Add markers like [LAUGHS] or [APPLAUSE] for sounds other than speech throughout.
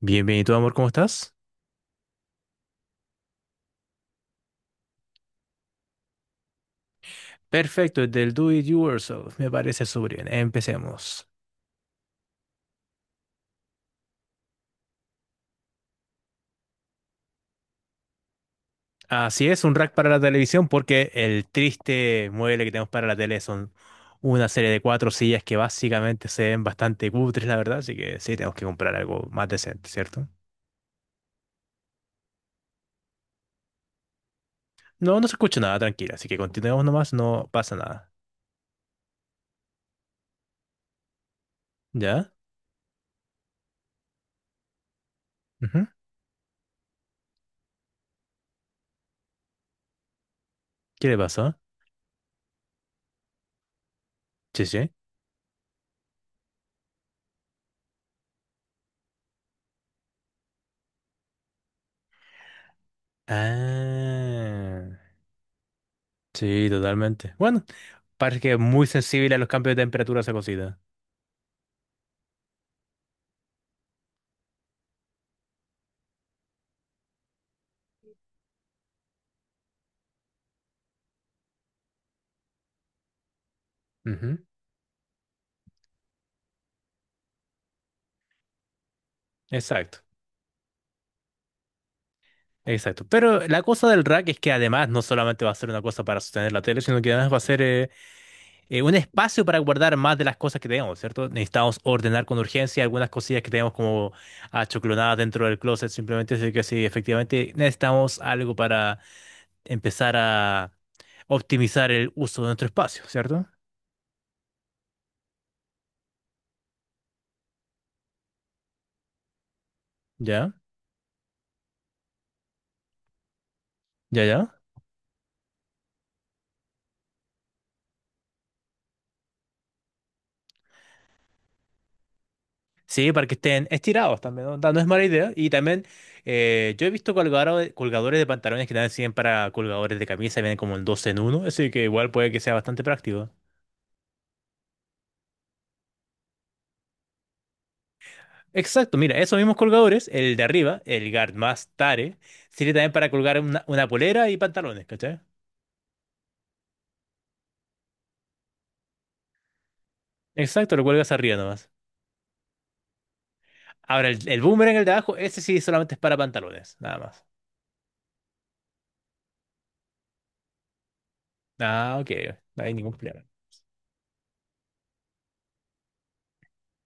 Bienvenido, amor, ¿cómo estás? Perfecto, desde el Do It Yourself, me parece súper bien. Empecemos. Así es, un rack para la televisión, porque el triste mueble que tenemos para la tele son una serie de cuatro sillas que básicamente se ven bastante cutres, la verdad, así que sí, tenemos que comprar algo más decente, ¿cierto? No, no se escucha nada, tranquila, así que continuemos nomás, no pasa nada. ¿Ya? Ujú. ¿Qué le pasó? Sí, sí. Ah, sí, totalmente. Bueno, parece que es muy sensible a los cambios de temperatura esa cosita. Ujú. Exacto, exacto. Pero la cosa del rack es que además no solamente va a ser una cosa para sostener la tele, sino que además va a ser un espacio para guardar más de las cosas que tenemos, ¿cierto? Necesitamos ordenar con urgencia algunas cosillas que tenemos como achoclonadas dentro del closet, simplemente así que sí, efectivamente necesitamos algo para empezar a optimizar el uso de nuestro espacio, ¿cierto? Ya, ya, ya. Sí, para que estén estirados también, ¿no? No es mala idea. Y también yo he visto colgadores de pantalones que también sirven para colgadores de camisa, vienen como el 2 en uno, así que igual puede que sea bastante práctico. Exacto, mira, esos mismos colgadores, el de arriba, el Guard más Tare, sirve también para colgar una polera y pantalones, ¿cachai? Exacto, lo cuelgas arriba nomás. Ahora, el boomerang, el de abajo, ese sí solamente es para pantalones, nada más. Ah, ok, no hay ningún problema.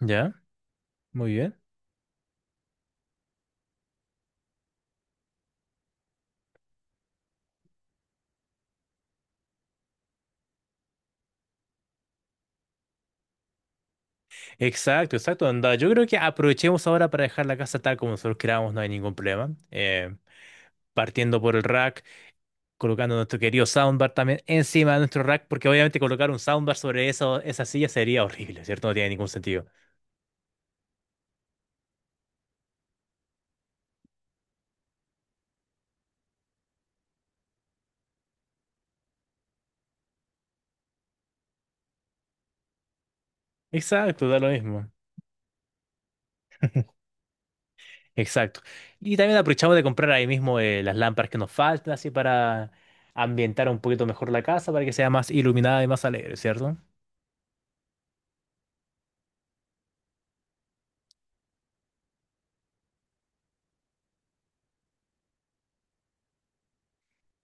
¿Ya? Muy bien. Exacto, exacto. Anda, yo creo que aprovechemos ahora para dejar la casa tal como nosotros queramos, no hay ningún problema. Partiendo por el rack, colocando nuestro querido soundbar también encima de nuestro rack, porque obviamente colocar un soundbar sobre eso, esa silla sería horrible, ¿cierto? No tiene ningún sentido. Exacto, da lo mismo. Exacto. Y también aprovechamos de comprar ahí mismo las lámparas que nos faltan, así para ambientar un poquito mejor la casa, para que sea más iluminada y más alegre, ¿cierto?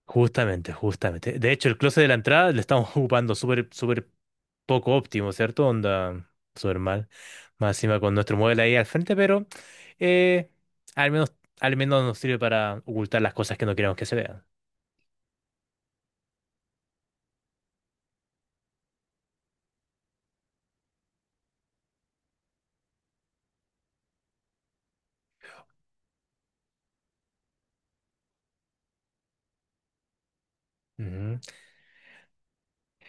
Justamente, justamente. De hecho, el closet de la entrada le estamos [LAUGHS] ocupando súper, súper poco óptimo, ¿cierto? Onda, súper mal. Más encima con nuestro modelo ahí al frente, pero eh, al menos, al menos nos sirve para ocultar las cosas que no queremos que se vean. Ujú.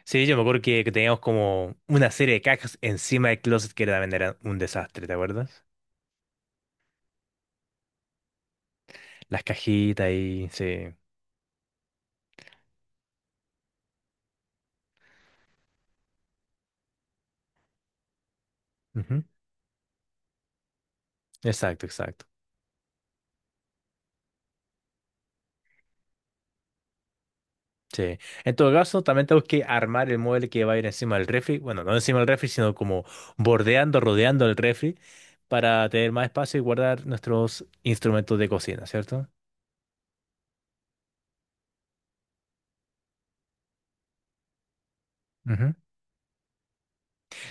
Sí, yo me acuerdo que, teníamos como una serie de cajas encima del closet que también era un desastre, ¿te acuerdas? Las cajitas ahí, sí. Ujú. Exacto, exacto. Sí. En todo caso, también tengo que armar el mueble que va a ir encima del refri. Bueno, no encima del refri, sino como bordeando, rodeando el refri para tener más espacio y guardar nuestros instrumentos de cocina, ¿cierto? Ujú.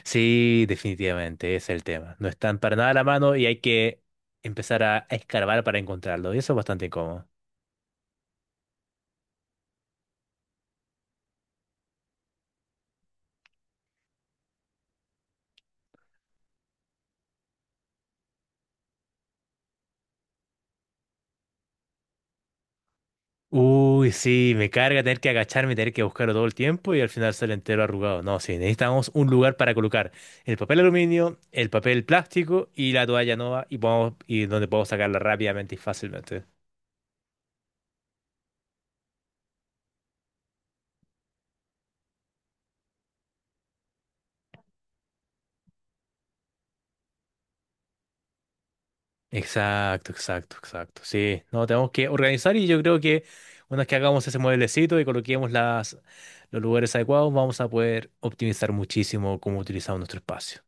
Sí, definitivamente, ese es el tema. No están para nada a la mano y hay que empezar a escarbar para encontrarlo. Y eso es bastante incómodo. Uy, sí, me carga tener que agacharme, tener que buscarlo todo el tiempo y al final sale entero arrugado. No, sí, necesitamos un lugar para colocar el papel aluminio, el papel plástico y la toalla nueva y, y donde podamos sacarla rápidamente y fácilmente. Exacto, exacto, exacto. Sí, no, tenemos que organizar y yo creo que una vez que hagamos ese mueblecito y coloquemos los lugares adecuados, vamos a poder optimizar muchísimo cómo utilizamos nuestro espacio.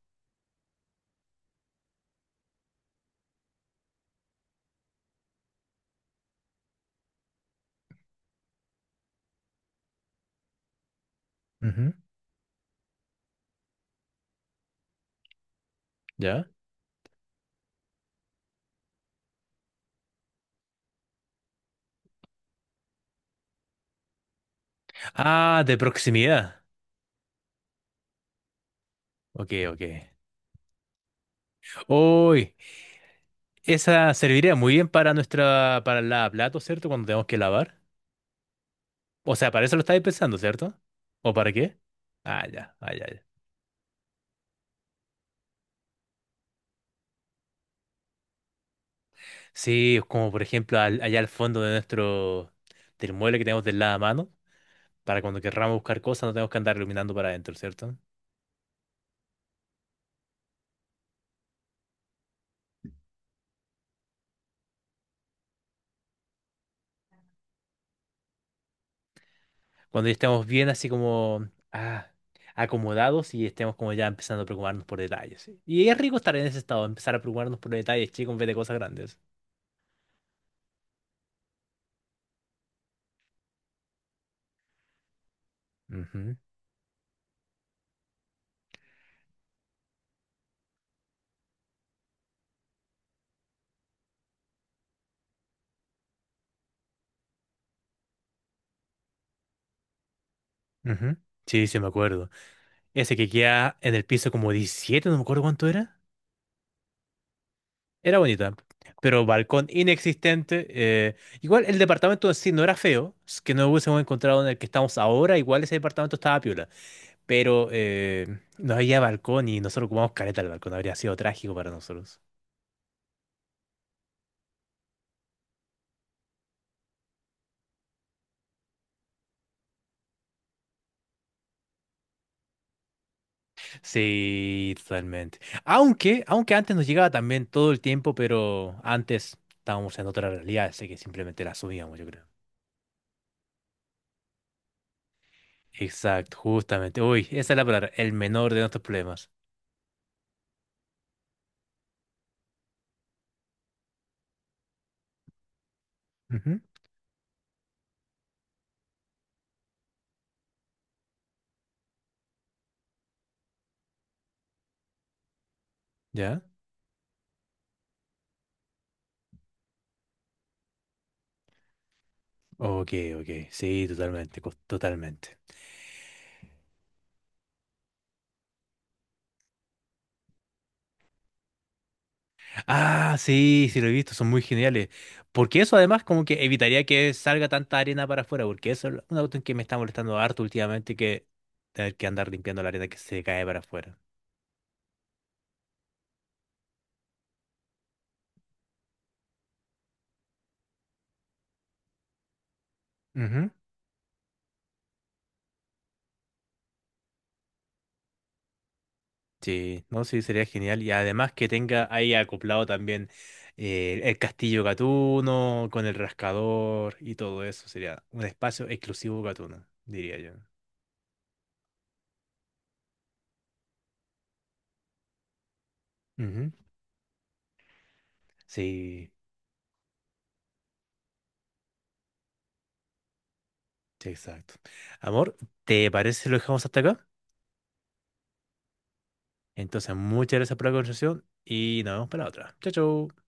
Ujú. ¿Ya? Ah, de proximidad. Ok, ok. Uy. Esa serviría muy bien para para la plato, ¿cierto? Cuando tenemos que lavar. O sea, para eso lo estáis pensando, ¿cierto? ¿O para qué? Ah, ya, ah, ya, ya. Sí, es como por ejemplo allá al fondo de del mueble que tenemos del lavamano, para cuando querramos buscar cosas no tenemos que andar iluminando para adentro, ¿cierto? Cuando ya estemos bien así como, ah, acomodados y estemos como ya empezando a preocuparnos por detalles, ¿sí? Y es rico estar en ese estado, empezar a preocuparnos por detalles, chicos, en vez de cosas grandes. Ujú, ujú. Sí, sí, me acuerdo. Ese que queda en el piso como 17 no me acuerdo cuánto era. Era bonita, pero balcón inexistente. Igual el departamento en sí no era feo, es que no hubiésemos encontrado en el que estamos ahora, igual ese departamento estaba piola, pero no había balcón y nosotros ocupamos careta el balcón, habría sido trágico para nosotros. Sí, totalmente. Aunque antes nos llegaba también todo el tiempo, pero antes estábamos en otra realidad, así que simplemente la subíamos, yo creo. Exacto, justamente. Uy, esa es la palabra, el menor de nuestros problemas. Ujú. ¿Ya? Ok, ok. Sí, totalmente, totalmente. Ah, sí, sí lo he visto, son muy geniales. Porque eso además como que evitaría que salga tanta arena para afuera, porque eso es una cuestión que me está molestando harto últimamente, que tener que andar limpiando la arena que se cae para afuera. Ujú. Sí, no, sí, sería genial. Y además que tenga ahí acoplado también el castillo Gatuno con el rascador y todo eso. Sería un espacio exclusivo Gatuno, diría yo. Ujú. Sí. Sí, exacto. Amor, ¿te parece si lo dejamos hasta acá? Entonces, muchas gracias por la conversación y nos vemos para la otra. Chao, chao.